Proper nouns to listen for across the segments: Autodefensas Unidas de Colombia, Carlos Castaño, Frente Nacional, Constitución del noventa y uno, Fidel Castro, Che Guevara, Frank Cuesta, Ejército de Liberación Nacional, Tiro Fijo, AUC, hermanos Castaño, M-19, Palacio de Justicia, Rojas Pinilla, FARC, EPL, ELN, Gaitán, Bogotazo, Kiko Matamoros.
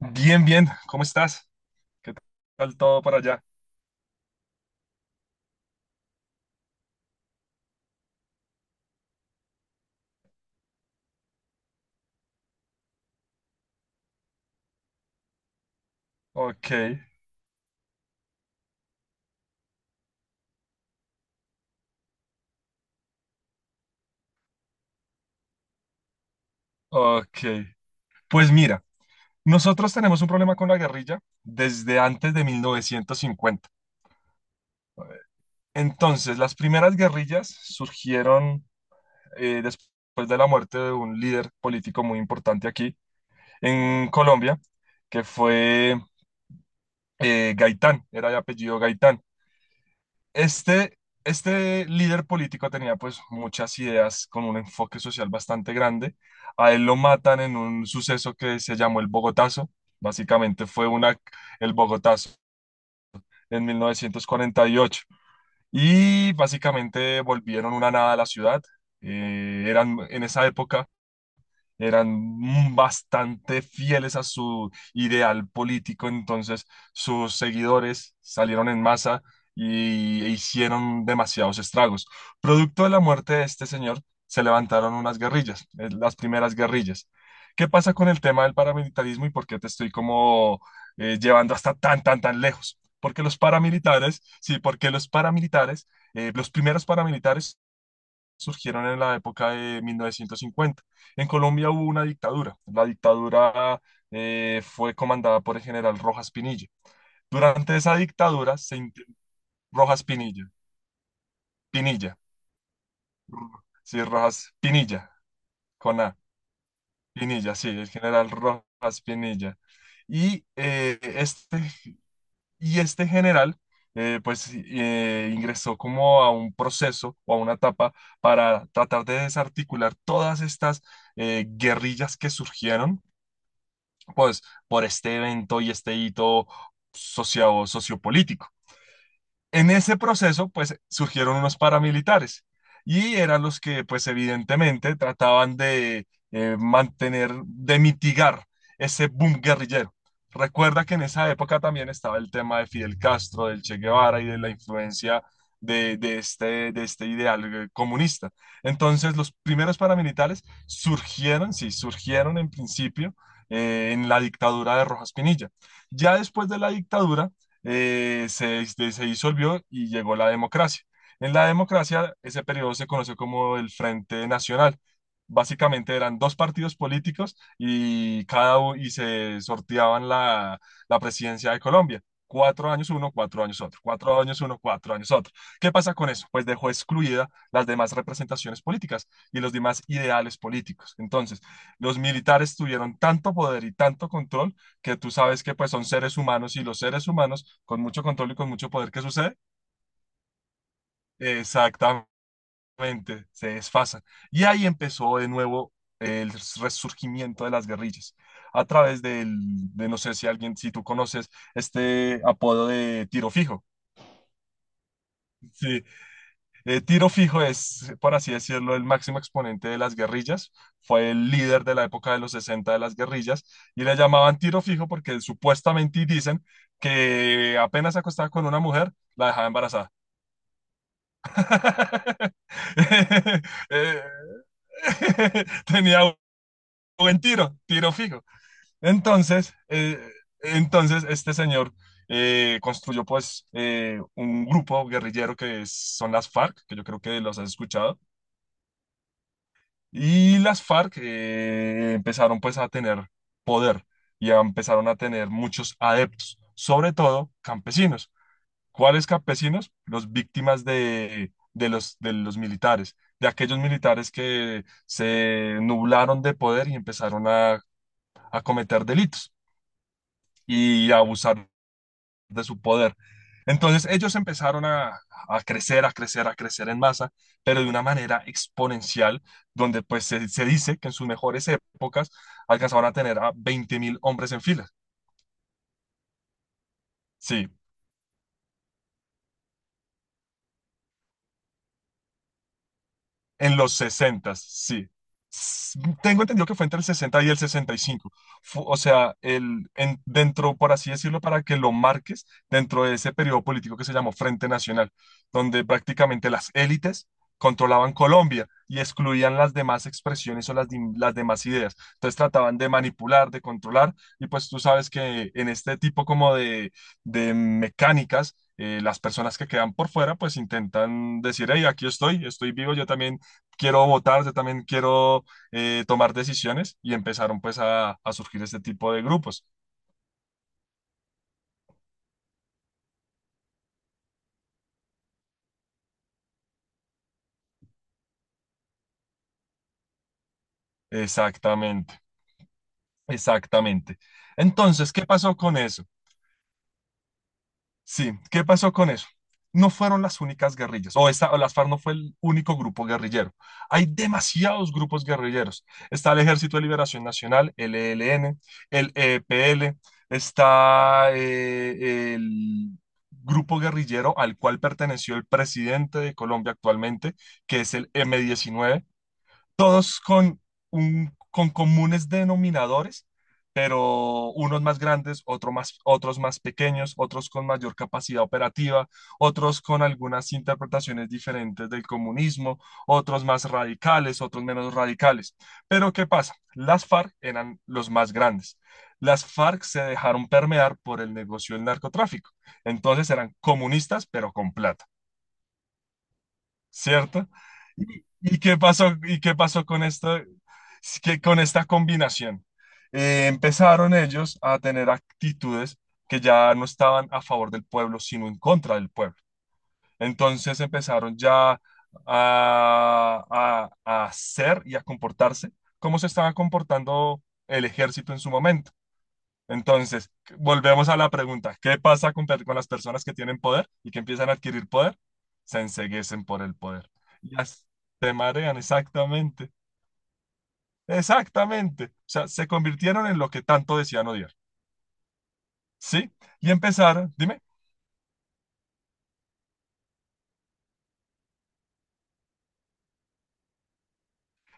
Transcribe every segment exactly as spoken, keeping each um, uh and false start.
Bien, bien, ¿cómo estás? ¿Qué tal todo para allá? Ok, ok. Pues mira, nosotros tenemos un problema con la guerrilla desde antes de mil novecientos cincuenta. Entonces, las primeras guerrillas surgieron eh, después de la muerte de un líder político muy importante aquí en Colombia, que fue eh, Gaitán, era de apellido Gaitán. Este, este líder político tenía pues muchas ideas con un enfoque social bastante grande. A él lo matan en un suceso que se llamó el Bogotazo. Básicamente fue una, el Bogotazo en mil novecientos cuarenta y ocho. Y ocho. Y básicamente volvieron una nada a la ciudad. Eh, eran en esa época eran bastante fieles a su ideal político, entonces sus seguidores salieron en masa y e hicieron demasiados estragos. Producto de la muerte de este señor, se levantaron unas guerrillas, eh, las primeras guerrillas. ¿Qué pasa con el tema del paramilitarismo y por qué te estoy como eh, llevando hasta tan, tan, tan lejos? Porque los paramilitares, sí, porque los paramilitares, eh, los primeros paramilitares surgieron en la época de mil novecientos cincuenta. En Colombia hubo una dictadura. La dictadura eh, fue comandada por el general Rojas Pinilla. Durante esa dictadura se int- Rojas Pinilla, Pinilla, Ro- sí, Rojas Pinilla, con A, Pinilla, sí, el general Rojas Pinilla. Y eh, este Y este general, eh, pues sí, eh, ingresó como a un proceso o a una etapa para tratar de desarticular todas estas eh, guerrillas que surgieron, pues por este evento y este hito socio- sociopolítico. En ese proceso, pues surgieron unos paramilitares y eran los que, pues evidentemente, trataban de eh, mantener, de mitigar ese boom guerrillero. Recuerda que en esa época también estaba el tema de Fidel Castro, del Che Guevara y de la influencia de, de este, de este ideal eh, comunista. Entonces, los primeros paramilitares surgieron, sí, surgieron en principio eh, en la dictadura de Rojas Pinilla. Ya después de la dictadura, eh, se, se se disolvió y llegó la democracia. En la democracia, ese periodo se conoció como el Frente Nacional. Básicamente eran dos partidos políticos y cada u- y se sorteaban la, la presidencia de Colombia. Cuatro años uno, cuatro años otro, cuatro años uno, cuatro años otro. ¿Qué pasa con eso? Pues dejó excluida las demás representaciones políticas y los demás ideales políticos. Entonces, los militares tuvieron tanto poder y tanto control que tú sabes que pues son seres humanos y los seres humanos con mucho control y con mucho poder, ¿qué sucede? Exactamente, se desfasan. Y ahí empezó de nuevo el resurgimiento de las guerrillas a través del, de no sé si alguien, si tú conoces este apodo de tiro fijo. Sí, Eh, Tiro Fijo es, por así decirlo, el máximo exponente de las guerrillas. Fue el líder de la época de los sesenta de las guerrillas y le llamaban Tiro Fijo porque supuestamente y dicen que apenas se acostaba con una mujer, la dejaba embarazada. Eh, Tenía buen tiro, tiro fijo. Entonces, eh, entonces este señor eh, construyó pues eh, un grupo guerrillero que es- son las FARC, que yo creo que los has escuchado. Y las FARC eh, empezaron pues a tener poder y a- empezaron a tener muchos adeptos, sobre todo campesinos. ¿Cuáles campesinos? Los víctimas de, de los, de los militares, de aquellos militares que se nublaron de poder y empezaron a, a cometer delitos y a abusar de su poder. Entonces ellos empezaron a, a crecer, a crecer, a crecer en masa, pero de una manera exponencial, donde pues se, se dice que en sus mejores épocas alcanzaban a tener a veinte mil hombres en fila. Sí, en los sesenta, sí. S- Tengo entendido que fue entre el sesenta y el sesenta y cinco. Fu- o sea, el, en- dentro, por así decirlo, para que lo marques, dentro de ese periodo político que se llamó Frente Nacional, donde prácticamente las élites controlaban Colombia y excluían las demás expresiones o las, dim- las demás ideas. Entonces trataban de manipular, de controlar, y pues tú sabes que en este tipo como de, de mecánicas, eh, las personas que quedan por fuera, pues intentan decir, hey, aquí estoy, estoy vivo, yo también quiero votar, yo también quiero eh, tomar decisiones y empezaron pues a, a surgir este tipo de grupos. Exactamente, exactamente. Entonces, ¿qué pasó con eso? Sí, ¿qué pasó con eso? No fueron las únicas guerrillas, o, esta, o las FARC no fue el único grupo guerrillero. Hay demasiados grupos guerrilleros. Está el Ejército de Liberación Nacional, el E L N, el E P L, está eh, el grupo guerrillero al cual perteneció el presidente de Colombia actualmente, que es el M diecinueve, todos con, un, con comunes denominadores, pero unos más grandes, otro más, otros más pequeños, otros con mayor capacidad operativa, otros con algunas interpretaciones diferentes del comunismo, otros más radicales, otros menos radicales. Pero ¿qué pasa? Las FARC eran los más grandes. Las FARC se dejaron permear por el negocio del narcotráfico. Entonces eran comunistas, pero con plata. ¿Cierto? ¿Y, y qué pasó, y qué pasó con esto, es que con esta combinación? Eh, empezaron ellos a tener actitudes que ya no estaban a favor del pueblo, sino en contra del pueblo. Entonces empezaron ya a, a a hacer y a comportarse como se estaba comportando el ejército en su momento. Entonces, volvemos a la pregunta, ¿qué pasa con, per- con las personas que tienen poder y que empiezan a adquirir poder? Se enceguecen por el poder. Ya s- Se marean, exactamente, exactamente. O sea, se convirtieron en lo que tanto decían odiar, ¿sí? Y empezaron, dime.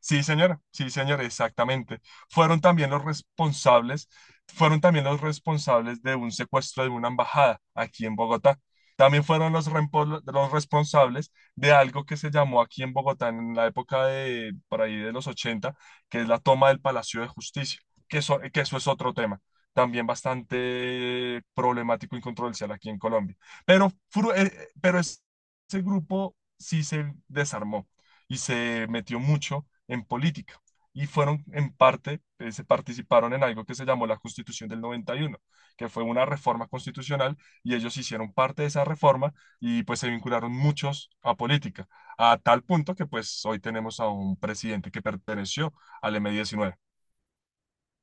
Sí, señor, sí, señor, exactamente. Fueron también los responsables, fueron también los responsables de un secuestro de una embajada aquí en Bogotá. También fueron los, rempo- los responsables de algo que se llamó aquí en Bogotá en la época de, por ahí de los ochenta, que es la toma del Palacio de Justicia, que eso, que eso es otro tema, también bastante problemático y controversial aquí en Colombia. Pero, fru- eh, eh, pero es- Ese grupo sí se desarmó y se metió mucho en política y fueron en parte, eh, se participaron en algo que se llamó la Constitución del noventa y uno, que fue una reforma constitucional, y ellos hicieron parte de esa reforma y pues se vincularon muchos a política, a tal punto que pues hoy tenemos a un presidente que perteneció al m diecinueve.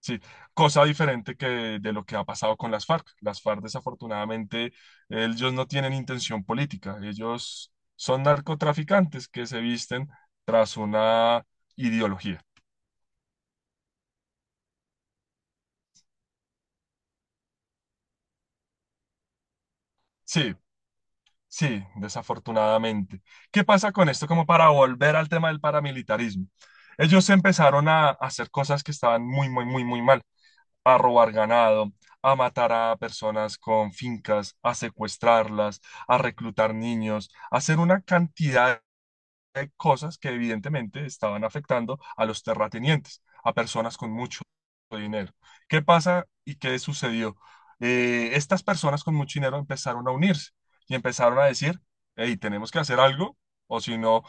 Sí, cosa diferente que de lo que ha pasado con las FARC. Las FARC, desafortunadamente, ellos no tienen intención política. Ellos son narcotraficantes que se visten tras una ideología. Sí, sí, desafortunadamente. ¿Qué pasa con esto? Como para volver al tema del paramilitarismo. Ellos empezaron a hacer cosas que estaban muy, muy, muy, muy mal. A robar ganado, a matar a personas con fincas, a secuestrarlas, a reclutar niños, a hacer una cantidad de cosas que evidentemente estaban afectando a los terratenientes, a personas con mucho dinero. ¿Qué pasa y qué sucedió? Eh, estas personas con mucho dinero empezaron a unirse y empezaron a decir, hey, tenemos que hacer algo o si no,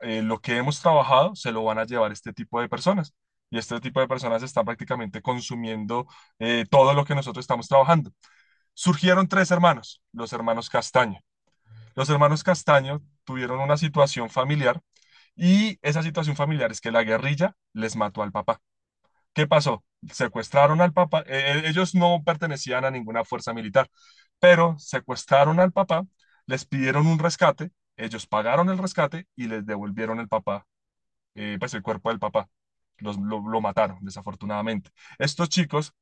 eh, lo que hemos trabajado se lo van a llevar este tipo de personas. Y este tipo de personas están prácticamente consumiendo eh, todo lo que nosotros estamos trabajando. Surgieron tres hermanos, los hermanos Castaño. Los hermanos Castaño tuvieron una situación familiar y esa situación familiar es que la guerrilla les mató al papá. ¿Qué pasó? Secuestraron al papá, eh, eh, ellos no pertenecían a ninguna fuerza militar, pero secuestraron al papá, les pidieron un rescate, ellos pagaron el rescate y les devolvieron el papá, eh, pues el cuerpo del papá. Los, lo, lo mataron, desafortunadamente. Estos chicos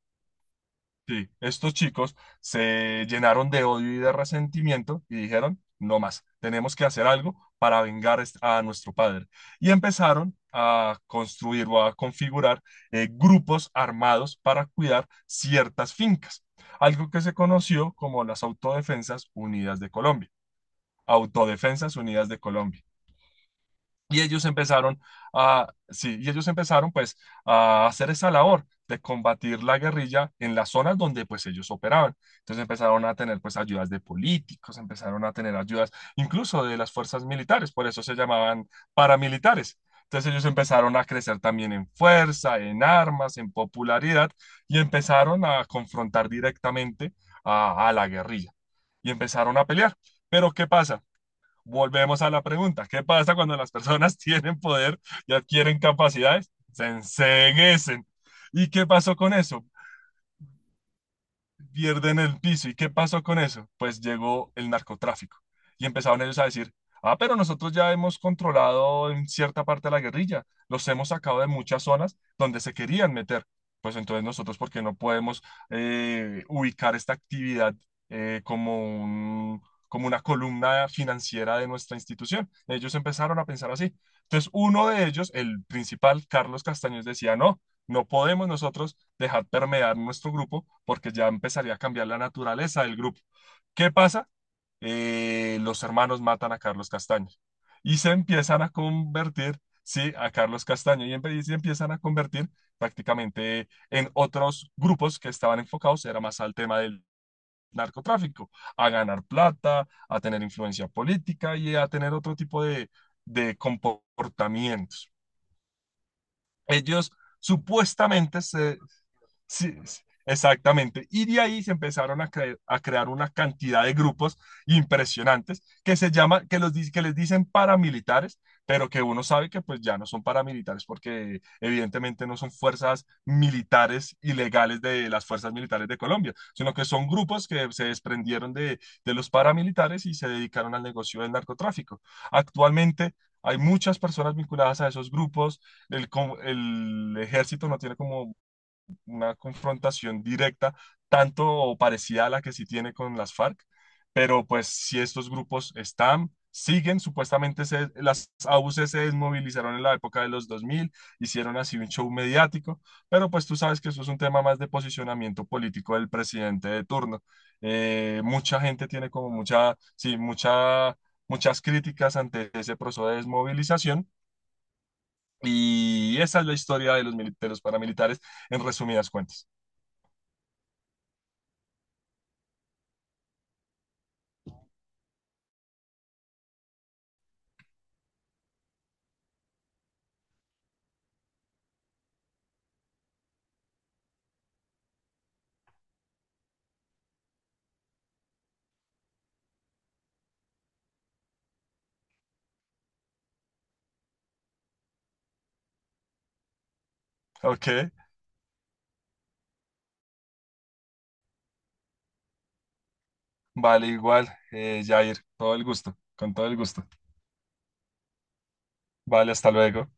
sí, estos chicos se llenaron de odio y de resentimiento y dijeron, no más, tenemos que hacer algo para vengar est- a nuestro padre. Y empezaron a construir o a configurar eh, grupos armados para cuidar ciertas fincas, algo que se conoció como las Autodefensas Unidas de Colombia. Autodefensas Unidas de Colombia. Y ellos empezaron a, sí, y ellos empezaron pues a hacer esa labor de combatir la guerrilla en las zonas donde pues ellos operaban. Entonces empezaron a tener pues ayudas de políticos, empezaron a tener ayudas incluso de las fuerzas militares, por eso se llamaban paramilitares. Entonces ellos empezaron a crecer también en fuerza, en armas, en popularidad y empezaron a confrontar directamente a, a la guerrilla y empezaron a pelear. Pero ¿qué pasa? Volvemos a la pregunta, ¿qué pasa cuando las personas tienen poder y adquieren capacidades? Se enseguecen. ¿Y qué pasó con eso? Pierden el piso. ¿Y qué pasó con eso? Pues llegó el narcotráfico y empezaron ellos a decir, ah, pero nosotros ya hemos controlado en cierta parte de la guerrilla, los hemos sacado de muchas zonas donde se querían meter. Pues entonces nosotros, ¿por qué no podemos eh, ubicar esta actividad eh, como un- como una columna financiera de nuestra institución? Ellos empezaron a pensar así. Entonces uno de ellos, el principal, Carlos Castaños, decía, no, no podemos nosotros dejar permear nuestro grupo porque ya empezaría a cambiar la naturaleza del grupo. ¿Qué pasa? Eh, los hermanos matan a Carlos Castaño y se empiezan a convertir, sí, a Carlos Castaño y, empe- y se empiezan a convertir prácticamente en otros grupos que estaban enfocados, era más al tema del narcotráfico, a ganar plata, a tener influencia política y a tener otro tipo de, de comportamientos. Ellos supuestamente se Sí, sí, exactamente. Y de ahí se empezaron a, cre- a crear una cantidad de grupos impresionantes que se llaman, que, los, di- que les dicen paramilitares, pero que uno sabe que pues ya no son paramilitares porque evidentemente no son fuerzas militares ilegales de las fuerzas militares de Colombia, sino que son grupos que se desprendieron de, de los paramilitares y se dedicaron al negocio del narcotráfico. Actualmente... hay muchas personas vinculadas a esos grupos. El, co- el ejército no tiene como una confrontación directa, tanto o parecida a la que sí tiene con las FARC, pero pues si estos grupos están, siguen, supuestamente se- las A U C se desmovilizaron en la época de los dos mil, hicieron así un show mediático, pero pues tú sabes que eso es un tema más de posicionamiento político del presidente de turno. Eh, mucha gente tiene como mucha, sí, mucha, muchas críticas ante ese proceso de desmovilización. Y esa es la historia de los, mili- de los paramilitares, en resumidas cuentas. Ok, vale, igual, eh, Jair, todo el gusto, con todo el gusto. Vale, hasta luego.